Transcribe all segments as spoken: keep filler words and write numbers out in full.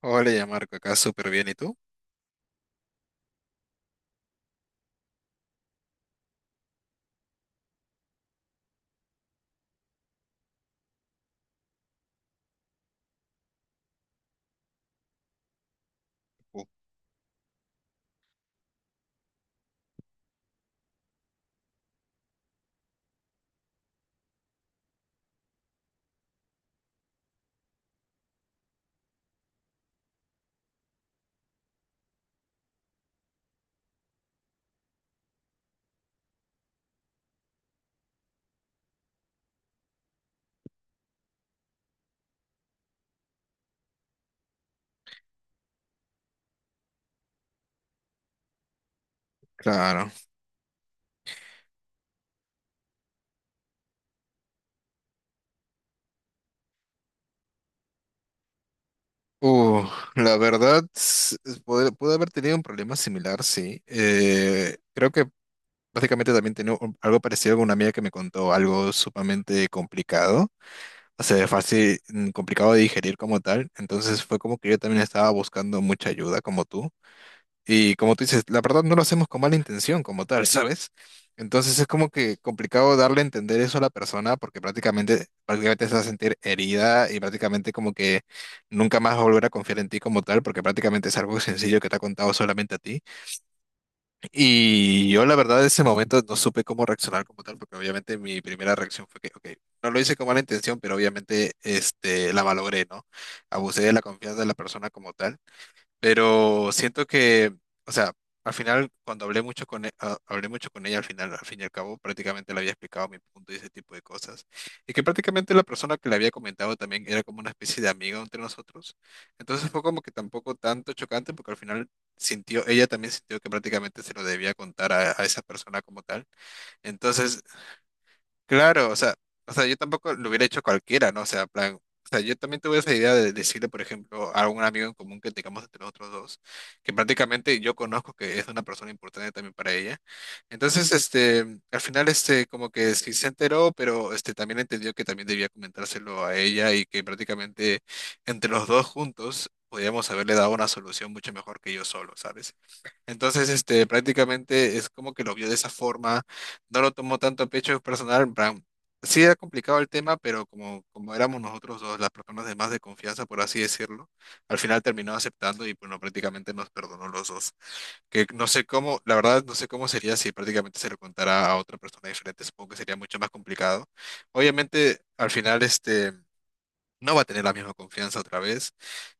Hola, ya Marco, acá súper bien, ¿y tú? Uh, claro. Uh, la verdad, s- s- pude, pude haber tenido un problema similar, sí. Eh, creo que básicamente también tenía un- algo parecido con una amiga que me contó algo sumamente complicado, o sea, fácil, mm, complicado de digerir como tal. Entonces fue como que yo también estaba buscando mucha ayuda como tú. Y como tú dices, la verdad no lo hacemos con mala intención como tal, ¿sabes? Entonces es como que complicado darle a entender eso a la persona porque prácticamente, prácticamente se va a sentir herida y prácticamente como que nunca más va a volver a confiar en ti como tal porque prácticamente es algo sencillo que te ha contado solamente a ti. Y yo la verdad en ese momento no supe cómo reaccionar como tal porque obviamente mi primera reacción fue que, ok, no lo hice con mala intención, pero obviamente este, la malogré, ¿no? Abusé de la confianza de la persona como tal. Pero siento que, o sea, al final, cuando hablé mucho con, e- a- hablé mucho con ella, al final, al fin y al cabo, prácticamente le había explicado mi punto y ese tipo de cosas. Y que prácticamente la persona que le había comentado también era como una especie de amiga entre nosotros. Entonces fue como que tampoco tanto chocante, porque al final sintió, ella también sintió que prácticamente se lo debía contar a, a esa persona como tal. Entonces claro, o sea, o sea, yo tampoco lo hubiera hecho cualquiera, ¿no? O sea, plan, o sea, yo también tuve esa idea de decirle, por ejemplo, a un amigo en común que tengamos entre nosotros dos, que prácticamente yo conozco que es una persona importante también para ella. Entonces, este, al final, este, como que sí se enteró, pero este también entendió que también debía comentárselo a ella y que prácticamente entre los dos juntos podíamos haberle dado una solución mucho mejor que yo solo, ¿sabes? Entonces, este, prácticamente es como que lo vio de esa forma, no lo tomó tanto a pecho personal. En plan, sí era complicado el tema, pero como, como éramos nosotros dos las personas de más de confianza, por así decirlo, al final terminó aceptando y bueno, prácticamente nos perdonó los dos. Que no sé cómo, la verdad no sé cómo sería si prácticamente se lo contara a otra persona diferente, supongo que sería mucho más complicado. Obviamente, al final este no va a tener la misma confianza otra vez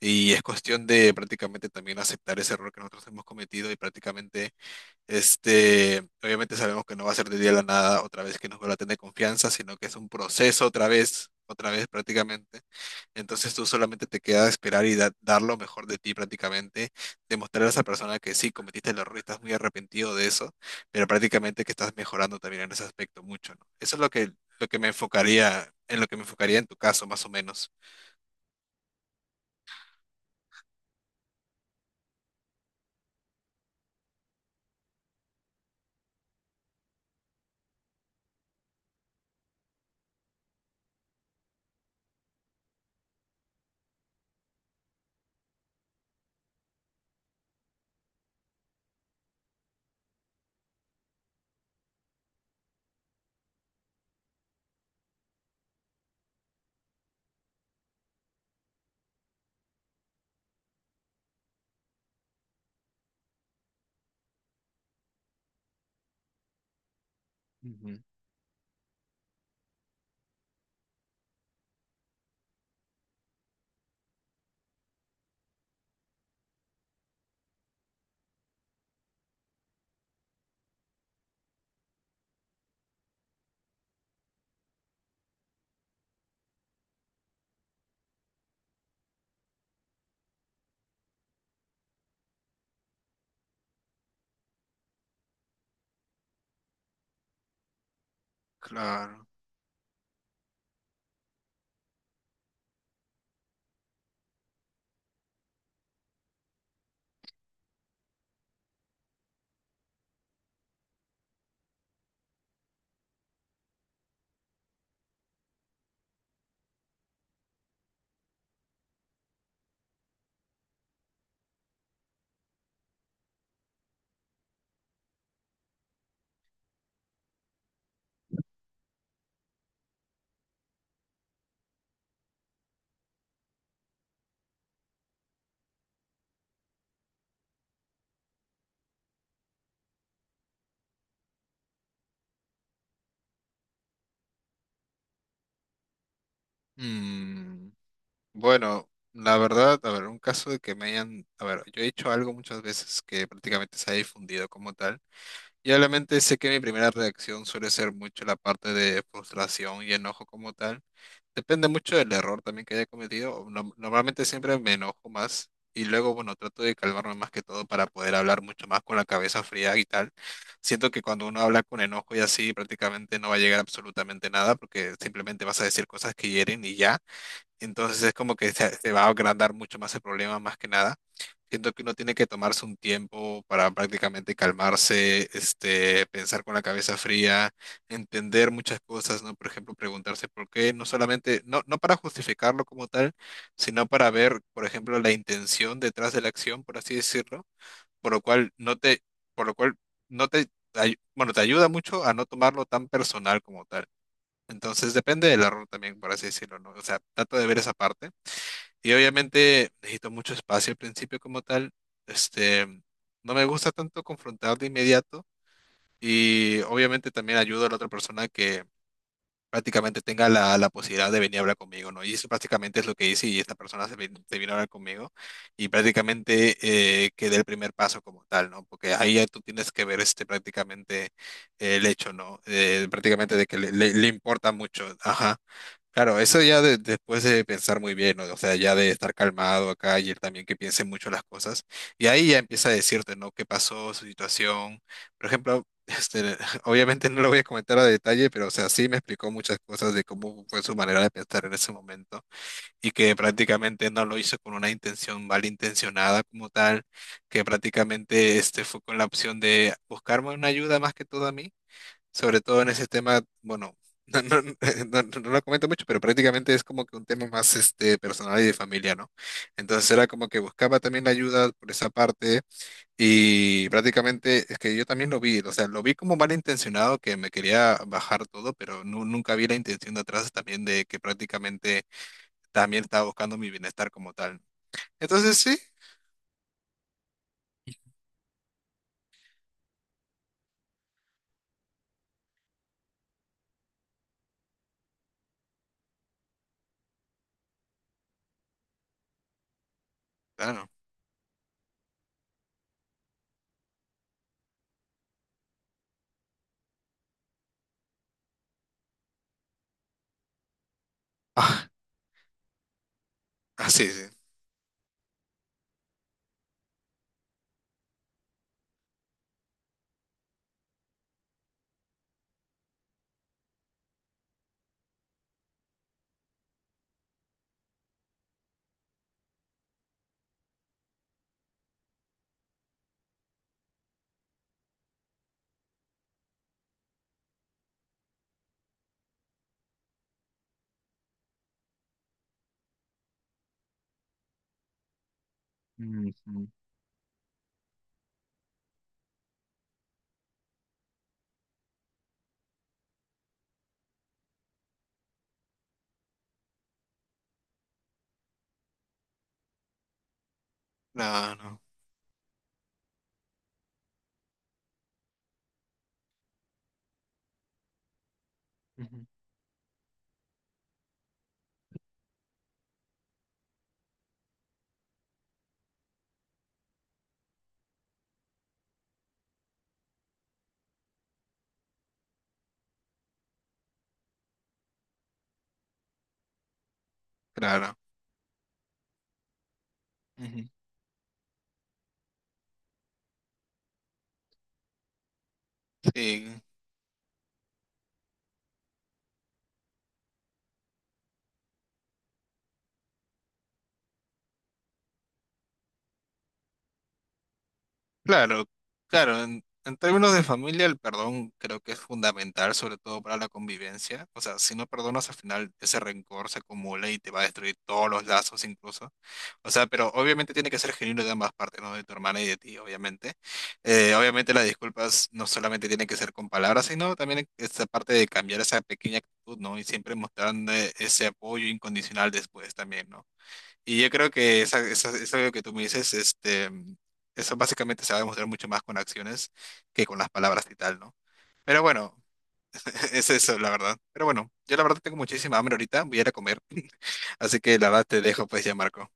y es cuestión de prácticamente también aceptar ese error que nosotros hemos cometido y prácticamente este, obviamente sabemos que no va a ser de día a la nada otra vez que nos vuelva a tener confianza, sino que es un proceso otra vez, otra vez prácticamente. Entonces tú solamente te queda esperar y da- dar lo mejor de ti prácticamente, demostrar a esa persona que sí cometiste el error y estás muy arrepentido de eso, pero prácticamente que estás mejorando también en ese aspecto mucho, ¿no? Eso es lo que, lo que me enfocaría, en lo que me enfocaría en tu caso, más o menos. Ujú. Claro. Mm. Bueno, la verdad, a ver, un caso de que me hayan, a ver, yo he hecho algo muchas veces que prácticamente se ha difundido como tal, y obviamente sé que mi primera reacción suele ser mucho la parte de frustración y enojo como tal. Depende mucho del error también que haya cometido. O no- Normalmente siempre me enojo más y luego, bueno, trato de calmarme más que todo para poder hablar mucho más con la cabeza fría y tal. Siento que cuando uno habla con enojo y así, prácticamente no va a llegar absolutamente nada porque simplemente vas a decir cosas que hieren y ya. Entonces es como que se, se va a agrandar mucho más el problema, más que nada. Siento que uno tiene que tomarse un tiempo para prácticamente calmarse, este, pensar con la cabeza fría, entender muchas cosas, ¿no? Por ejemplo, preguntarse por qué, no solamente, no, no para justificarlo como tal, sino para ver, por ejemplo, la intención detrás de la acción, por así decirlo, por lo cual no te, por lo cual no te, ay- bueno, te ayuda mucho a no tomarlo tan personal como tal. Entonces depende del error también, por así decirlo, ¿no? O sea, trato de ver esa parte y obviamente necesito mucho espacio al principio como tal. Este, no me gusta tanto confrontar de inmediato y obviamente también ayudo a la otra persona que prácticamente tenga la, la posibilidad de venir a hablar conmigo, ¿no? Y eso prácticamente es lo que hice y esta persona se, vin- se vino a hablar conmigo y prácticamente eh, que dé el primer paso como tal, ¿no? Porque ahí ya tú tienes que ver este prácticamente eh, el hecho, ¿no? Eh, prácticamente de que le, le- le importa mucho, ajá. Claro, eso ya de- después de pensar muy bien, ¿no? O sea, ya de estar calmado acá y él también que piense mucho las cosas. Y ahí ya empieza a decirte, ¿no? ¿Qué pasó, su situación? Por ejemplo, este, obviamente no lo voy a comentar a detalle, pero o sea, sí me explicó muchas cosas de cómo fue su manera de pensar en ese momento y que prácticamente no lo hizo con una intención malintencionada como tal, que prácticamente este fue con la opción de buscarme una ayuda más que todo a mí, sobre todo en ese tema, bueno, no, no, no- no- no lo comento mucho, pero prácticamente es como que un tema más este personal y de familia, ¿no? Entonces era como que buscaba también la ayuda por esa parte y prácticamente es que yo también lo vi, o sea, lo vi como malintencionado que me quería bajar todo, pero nu- nunca vi la intención de atrás también de que prácticamente también estaba buscando mi bienestar como tal. Entonces sí, claro. Ah, ah, sí, sí. Ujú. No, no, ujú, claro. Ujú. Sí. Claro, claro, en, en términos de familia el perdón creo que es fundamental, sobre todo para la convivencia. O sea, si no perdonas al final ese rencor se acumula y te va a destruir todos los lazos incluso. O sea, pero obviamente tiene que ser genuino de ambas partes, ¿no? De tu hermana y de ti, obviamente. Eh, obviamente las disculpas no solamente tienen que ser con palabras, sino también esta parte de cambiar esa pequeña actitud, ¿no? Y siempre mostrando ese apoyo incondicional después también, ¿no? Y yo creo que esa, esa- eso que tú me dices, este, eso básicamente se va a demostrar mucho más con acciones que con las palabras y tal, ¿no? Pero bueno, es eso, la verdad. Pero bueno, yo la verdad tengo muchísima hambre ahorita, voy a ir a comer. Así que la verdad te dejo pues ya, Marco.